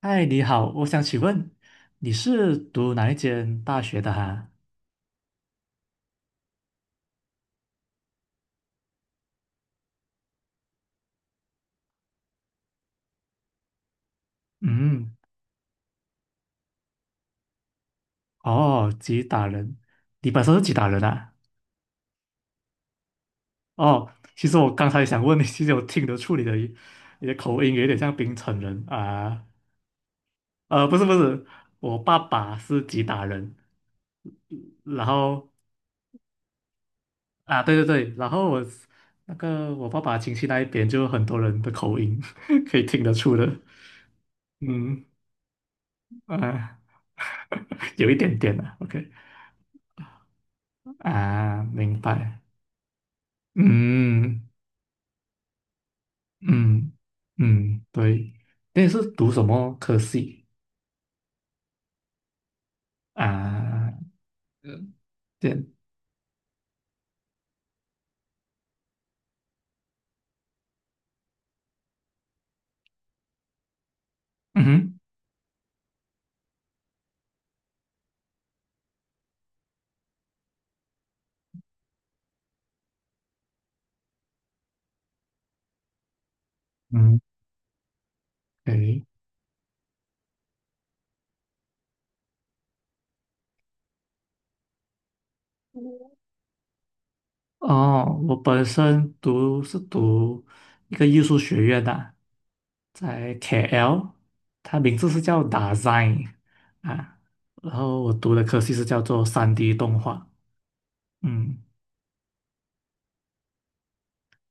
嗨，你好，我想请问你是读哪一间大学的哈？嗯，哦，吉打人，你本身是吉打人啊？哦，其实我刚才想问你，其实我听得出你的口音有点像槟城人啊。不是不是，我爸爸是吉打人，然后啊，对对对，然后我那个我爸爸亲戚那一边就很多人的口音 可以听得出的，嗯啊，有一点点啊，OK。啊，明白。嗯嗯嗯，对。那你是读什么科系啊？嗯对，嗯哼嗯，诶，哦，我本身读是读一个艺术学院的，在 KL，它名字是叫 Design 啊，然后我读的科系是叫做三 d 动画。嗯，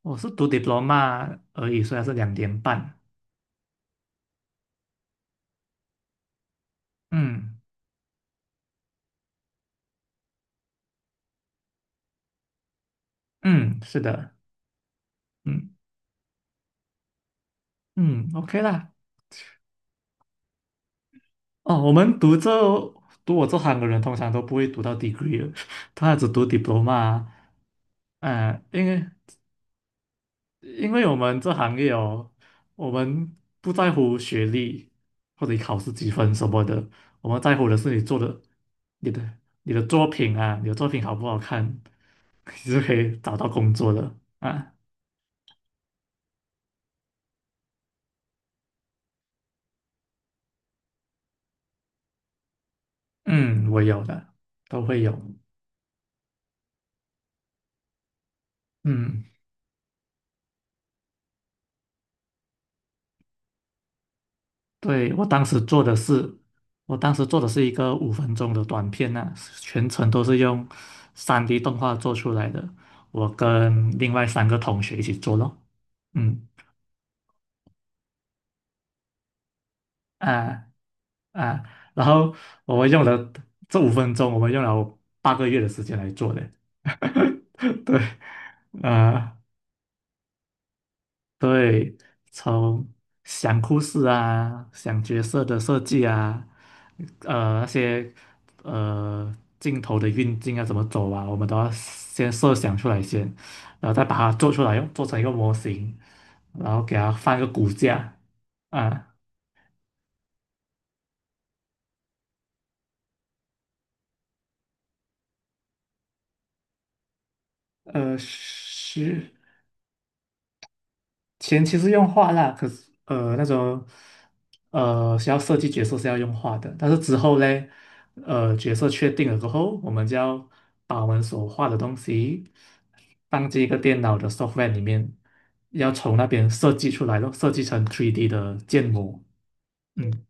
我是读 diploma 而已，虽然是2年半。嗯嗯，是的。嗯嗯，OK 啦。哦，我们读我这行的人通常都不会读到 degree 的 他只读 diploma 啊。呃因为因为我们这行业哦，我们不在乎学历或者你考试几分什么的，我们在乎的是你的作品啊，你的作品好不好看，你是可以找到工作的啊。嗯，我有的，都会有。嗯。对，我当时做的是一个五分钟的短片呐、全程都是用三 d 动画做出来的。我跟另外三个同学一起做咯，嗯啊啊，然后我们用了这五分钟，我们用了8个月的时间来做的。对啊、对，从想故事啊，想角色的设计啊，那些呃镜头的运镜啊，怎么走啊，我们都要先设想出来先，然后再把它做出来，用做成一个模型，然后给它放一个骨架啊，是。前期是用画啦，可是那种需要设计角色是要用画的，但是之后嘞，角色确定了过后，我们就要把我们所画的东西放进一个电脑的 software 里面，要从那边设计出来咯，设计成 3D 的建模。嗯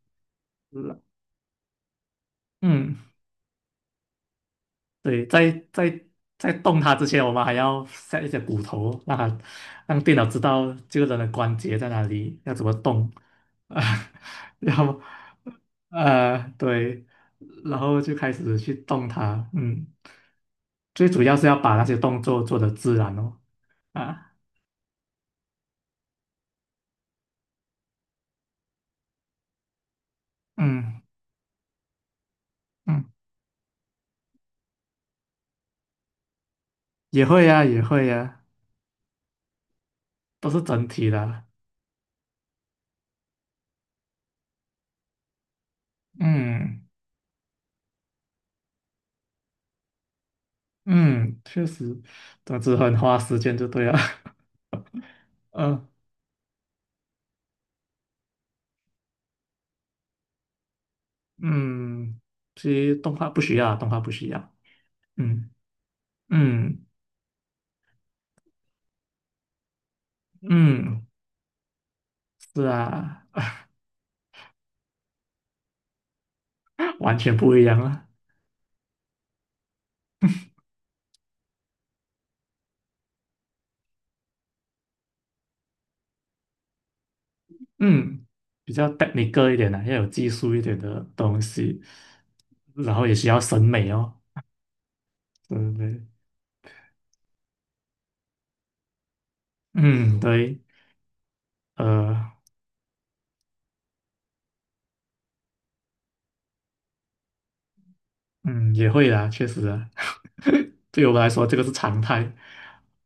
嗯，对，在动它之前，我们还要 set 一些骨头哦，让电脑知道这个人的关节在哪里，要怎么动啊，然后对，然后就开始去动它，嗯，最主要是要把那些动作做得自然哦，啊，嗯嗯，也会呀、也会呀、都是整体的，嗯嗯，确实，总之很花时间就对了，嗯嗯，其实动画不需要，动画不需要，嗯嗯嗯，是啊，完全不一样啊。嗯，比较 technical 一点的、要有技术一点的东西，然后也需要审美哦，对不对？嗯，对，呃，嗯，也会啦，确实啊，对我们来说这个是常态。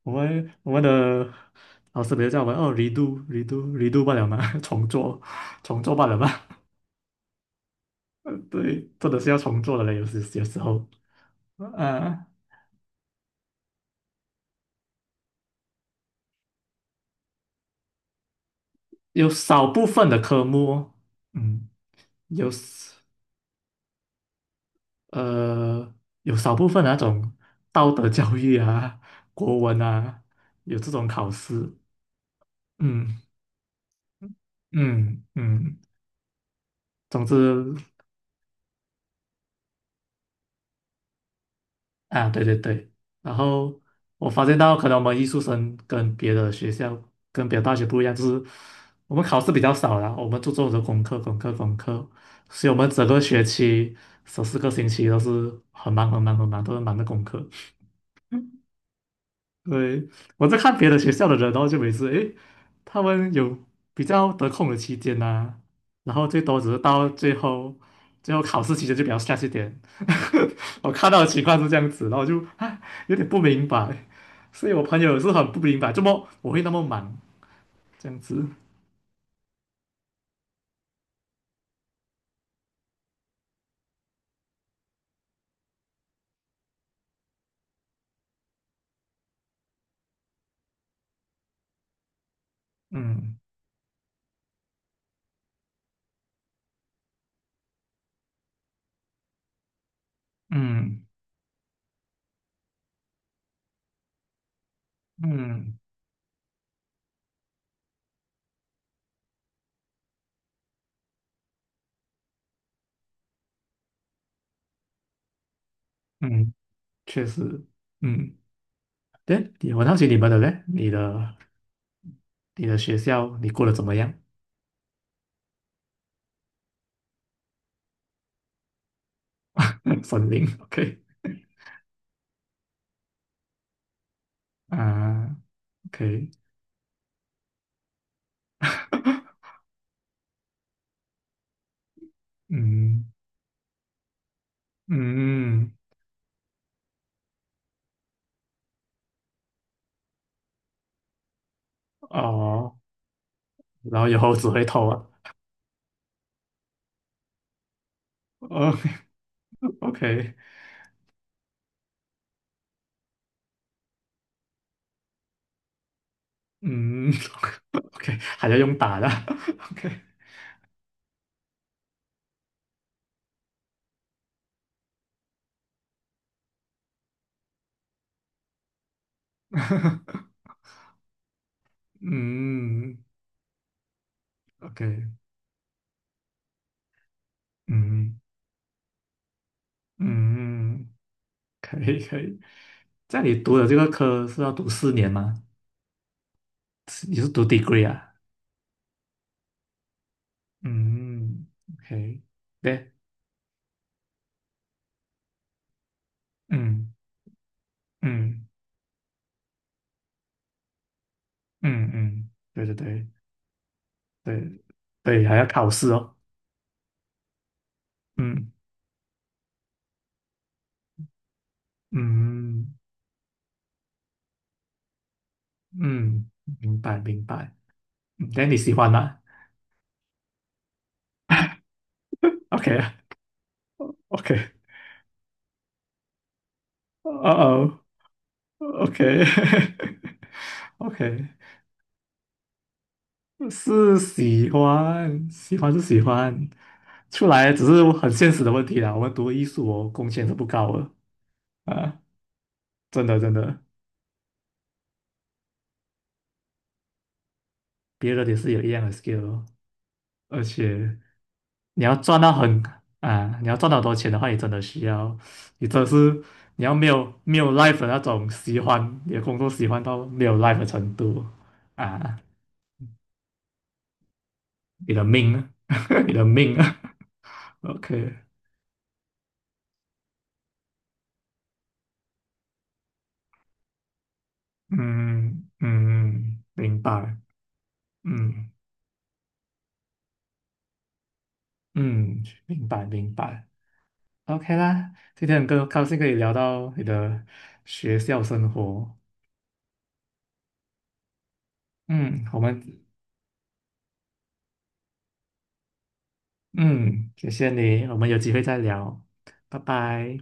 我们的老师比如叫我们哦，redo redo redo 罢了嘛，重做重做罢了嘛，对，真的是要重做的嘞，有时候，呃，有少部分的科目哦，嗯，有。呃，有少部分那种道德教育啊、国文啊，有这种考试。嗯嗯嗯，总之啊，对对对。然后我发现到，可能我们艺术生跟别的学校、跟别的大学不一样，就是我们考试比较少啦，我们注重的功课、功课、功课，所以我们整个学期14个星期都是很忙、很忙、很忙，都是忙的功课。对，我在看别的学校的人，然后就每次诶，他们有比较得空的期间呐、然后最多只是到最后最后考试期间就比较 s t r e 一点。我看到的情况是这样子，然后我就有点不明白，所以我朋友也是很不明白，怎么我会那么忙这样子。嗯嗯嗯嗯，确实，嗯，对，我好奇你们的嘞，你的学校你过得怎么样？森林，OK 啊，OK。嗯嗯哦，然后以后只会投啊。哦 ，OK，嗯 ，OK，还要用打的 ，OK，嗯，OK，嗯嗯，可以可以。在你读的这个科是要读4年吗？是你是读 degree 啊？嗯，OK，对，嗯嗯嗯嗯，对对对对对，还要考试哦。嗯嗯。嗯，明白明白。嗯那你喜欢啦 o k OK，哦哦，OK OK，是喜欢，喜欢是喜欢，出来只是很现实的问题啦。我们读艺术哦，工钱是不高的啊，真的真的，别人也是有一样的 skill，哦而且你要赚到很你要赚到很多钱的话，你真的需要，你真的是你要没有 life 的那种喜欢，你的工作喜欢到没有 life 的程度啊，你的命，你的命啊，OK，嗯嗯，明白，嗯嗯，明白明白，OK 啦，今天很高兴可以聊到你的学校生活，嗯，我们嗯，谢谢你，我们有机会再聊，拜拜。